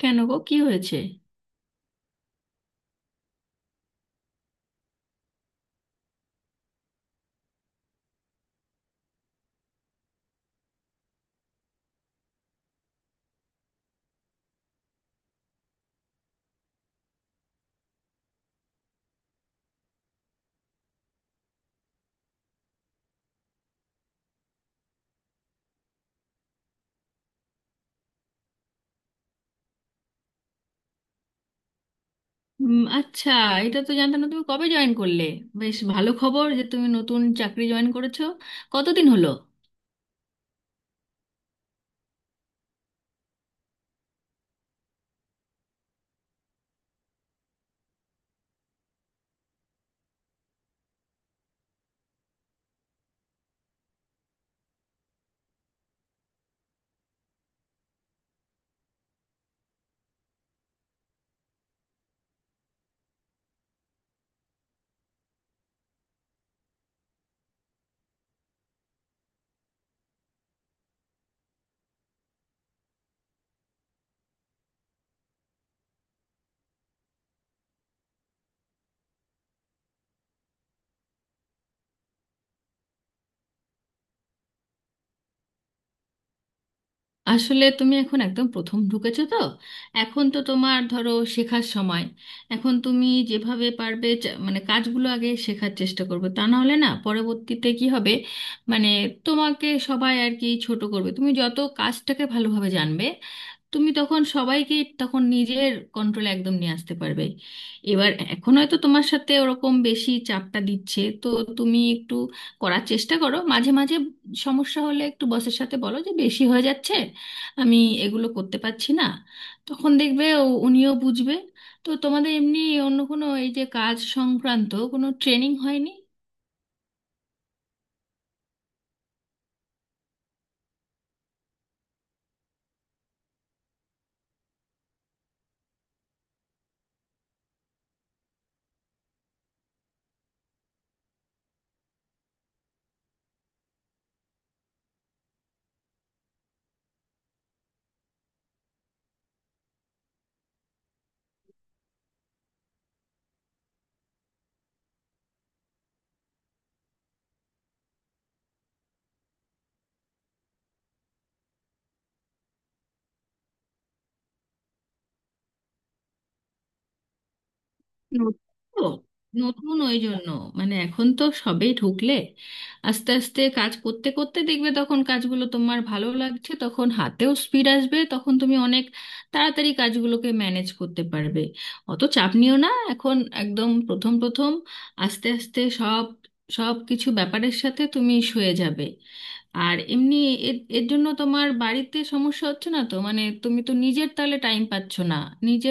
কেন গো, কি হয়েছে? আচ্ছা। এটা তো জানতাম না, তুমি কবে জয়েন করলে? বেশ ভালো খবর যে তুমি নতুন চাকরি জয়েন করেছো। কতদিন হলো? আসলে তুমি এখন একদম প্রথম ঢুকেছো তো। এখন তো তোমার ধরো শেখার সময়। এখন তুমি যেভাবে পারবে মানে কাজগুলো আগে শেখার চেষ্টা করবে, তা না হলে না পরবর্তীতে কি হবে? মানে তোমাকে সবাই আর কি ছোট করবে। তুমি যত কাজটাকে ভালোভাবে জানবে, তুমি তখন সবাইকে তখন নিজের কন্ট্রোলে একদম নিয়ে আসতে পারবে। এবার এখন হয়তো তোমার সাথে ওরকম বেশি চাপটা দিচ্ছে তো, তুমি একটু করার চেষ্টা করো মাঝে মাঝে। সমস্যা হলে একটু বসের সাথে বলো যে বেশি হয়ে যাচ্ছে, আমি এগুলো করতে পারছি না। তখন দেখবে উনিও বুঝবে। তো তোমাদের এমনি অন্য কোনো এই যে কাজ সংক্রান্ত কোনো ট্রেনিং হয়নি? নতুন, তো নতুন ওই জন্য, মানে এখন তো সবেই ঢুকলে। আস্তে আস্তে কাজ করতে করতে দেখবে তখন কাজগুলো তোমার ভালো লাগছে, তখন হাতেও স্পিড আসবে, তখন তুমি অনেক তাড়াতাড়ি কাজগুলোকে ম্যানেজ করতে পারবে। অত চাপ নিও না এখন, একদম প্রথম প্রথম। আস্তে আস্তে সব সব কিছু ব্যাপারের সাথে তুমি সয়ে যাবে। আর এমনি এর এর জন্য তোমার বাড়িতে সমস্যা হচ্ছে না তো? মানে তুমি তো নিজের তাহলে টাইম পাচ্ছ না, নিজে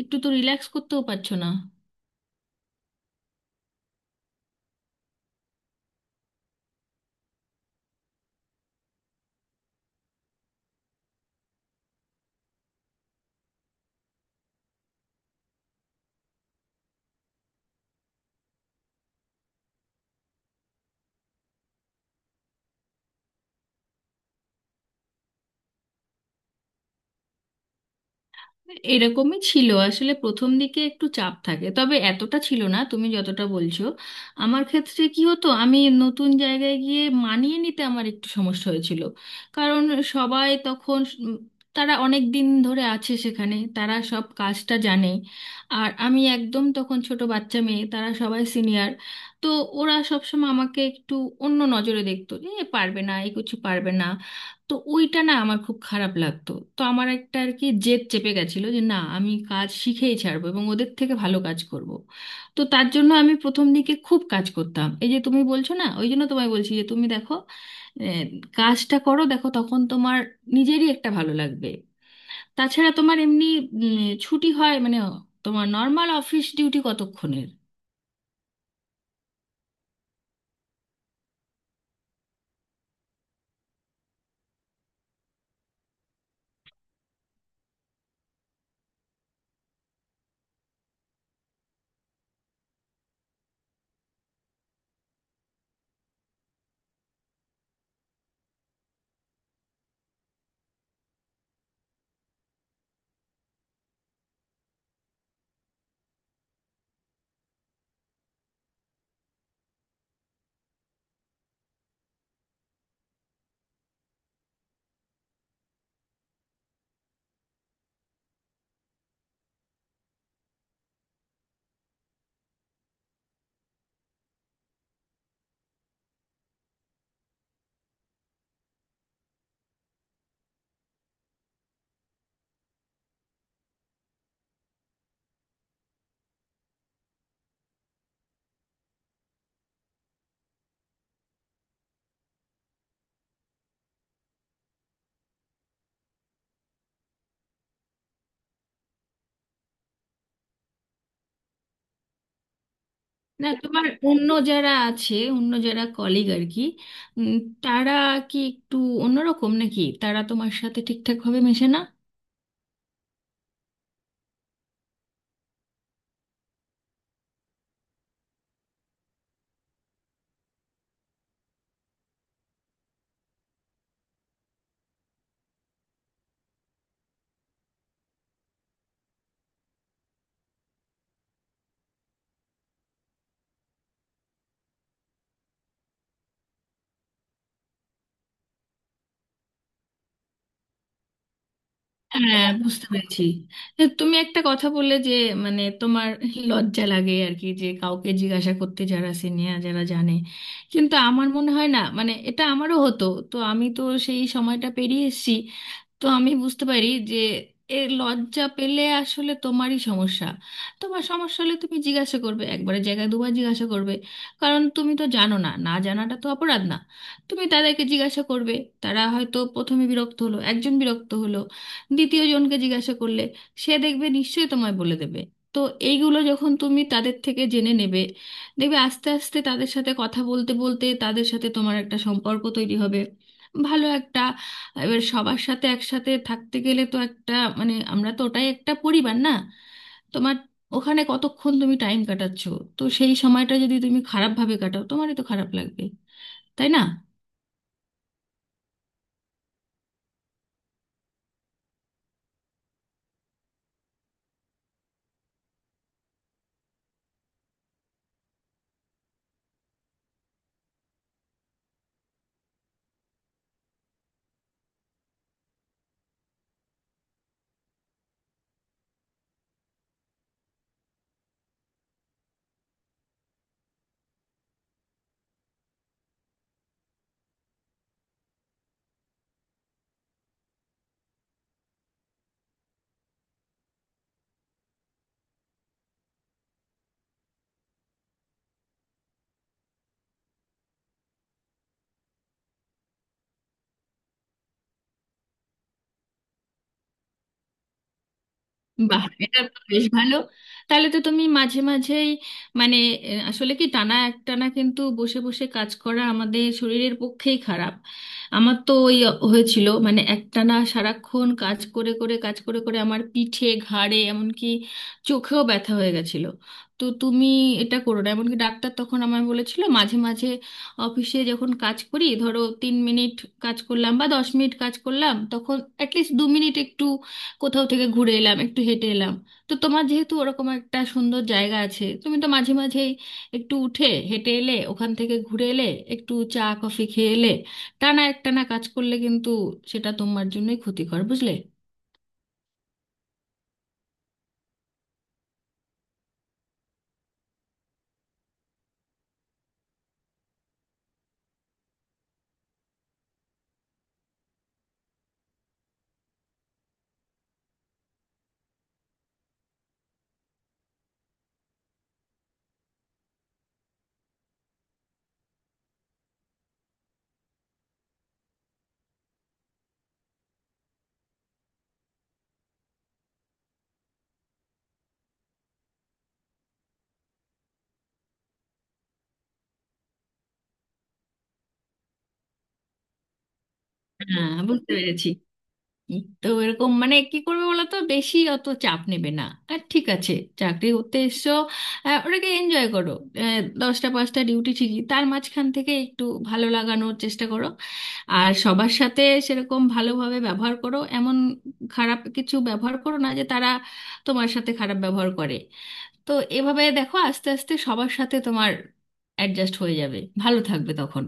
একটু তো রিল্যাক্স করতেও পারছো না। এরকমই ছিল আসলে। প্রথম দিকে একটু চাপ থাকে, তবে এতটা ছিল না তুমি যতটা বলছো। আমার ক্ষেত্রে কি হতো, আমি নতুন জায়গায় গিয়ে মানিয়ে নিতে আমার একটু সমস্যা হয়েছিল। কারণ সবাই তখন উম, তারা অনেক দিন ধরে আছে সেখানে, তারা সব কাজটা জানে। আর আমি একদম তখন ছোট বাচ্চা মেয়ে, তারা সবাই সিনিয়র। তো ওরা সবসময় আমাকে একটু অন্য নজরে দেখতো, এ পারবে না, এ কিছু পারবে না। তো ওইটা না আমার খুব খারাপ লাগতো। তো আমার একটা আর কি জেদ চেপে গেছিল যে না, আমি কাজ শিখেই ছাড়বো এবং ওদের থেকে ভালো কাজ করব। তো তার জন্য আমি প্রথম দিকে খুব কাজ করতাম। এই যে তুমি বলছো না, ওই জন্য তোমায় বলছি যে তুমি দেখো, আহ, কাজটা করো, দেখো তখন তোমার নিজেরই একটা ভালো লাগবে। তাছাড়া তোমার এমনি ছুটি হয় মানে, তোমার নর্মাল অফিস ডিউটি কতক্ষণের? না তোমার অন্য যারা আছে, অন্য যারা কলিগ আর কি, উম, তারা কি একটু অন্যরকম, নাকি তারা তোমার সাথে ঠিকঠাক ভাবে মেশে না? হ্যাঁ, বুঝতে পেরেছি। তুমি একটা কথা বললে যে, মানে তোমার লজ্জা লাগে আর কি, যে কাউকে জিজ্ঞাসা করতে যারা সিনিয়র যারা জানে। কিন্তু আমার মনে হয় না, মানে এটা আমারও হতো, তো আমি তো সেই সময়টা পেরিয়ে এসেছি। তো আমি বুঝতে পারি যে লজ্জা পেলে আসলে তোমারই সমস্যা। তোমার সমস্যা হলে তুমি জিজ্ঞাসা করবে, একবারের জায়গায় দুবার জিজ্ঞাসা করবে। কারণ তুমি তো জানো না, না জানাটা তো অপরাধ না। তুমি তাদেরকে জিজ্ঞাসা করবে। তারা হয়তো প্রথমে বিরক্ত হলো, একজন বিরক্ত হলো, দ্বিতীয় জনকে জিজ্ঞাসা করলে সে দেখবে নিশ্চয়ই তোমায় বলে দেবে। তো এইগুলো যখন তুমি তাদের থেকে জেনে নেবে, দেখবে আস্তে আস্তে তাদের সাথে কথা বলতে বলতে তাদের সাথে তোমার একটা সম্পর্ক তৈরি হবে, ভালো একটা। এবার সবার সাথে একসাথে থাকতে গেলে তো একটা মানে আমরা তো ওটাই একটা পরিবার না? তোমার ওখানে কতক্ষণ তুমি টাইম কাটাচ্ছো, তো সেই সময়টা যদি তুমি খারাপভাবে কাটাও, তোমারই তো খারাপ লাগবে, তাই না? বাহ, এটা বেশ ভালো। তাহলে তো তুমি মাঝে মাঝেই মানে আসলে কি, টানা একটানা কিন্তু বসে বসে কাজ করা আমাদের শরীরের পক্ষেই খারাপ। আমার তো ওই হয়েছিল, মানে একটানা সারাক্ষণ কাজ করে করে কাজ করে করে আমার পিঠে, ঘাড়ে এমনকি চোখেও ব্যথা হয়ে গেছিল। তো তুমি এটা করো না। এমনকি ডাক্তার তখন আমায় বলেছিল মাঝে মাঝে অফিসে যখন কাজ করি, ধরো 3 মিনিট কাজ করলাম বা 10 মিনিট কাজ করলাম, তখন অ্যাটলিস্ট 2 মিনিট একটু কোথাও থেকে ঘুরে এলাম, একটু হেঁটে এলাম। তো তোমার যেহেতু ওরকম একটা সুন্দর জায়গা আছে, তুমি তো মাঝে মাঝেই একটু উঠে হেঁটে এলে, ওখান থেকে ঘুরে এলে, একটু চা কফি খেয়ে এলে। টানা একটানা কাজ করলে কিন্তু সেটা তোমার জন্যই ক্ষতিকর, বুঝলে? হ্যাঁ, বুঝতে পেরেছি। এই তো এরকম, মানে কি করবে বলো, তো বেশি অত চাপ নেবে না আর, ঠিক আছে? চাকরি করতে এসছো, ওটাকে এনজয় করো। 10টা 5টা ডিউটি ঠিকই, তার মাঝখান থেকে একটু ভালো লাগানোর চেষ্টা করো। আর সবার সাথে সেরকম ভালোভাবে ব্যবহার করো, এমন খারাপ কিছু ব্যবহার করো না যে তারা তোমার সাথে খারাপ ব্যবহার করে। তো এভাবে দেখো, আস্তে আস্তে সবার সাথে তোমার অ্যাডজাস্ট হয়ে যাবে, ভালো থাকবে তখন।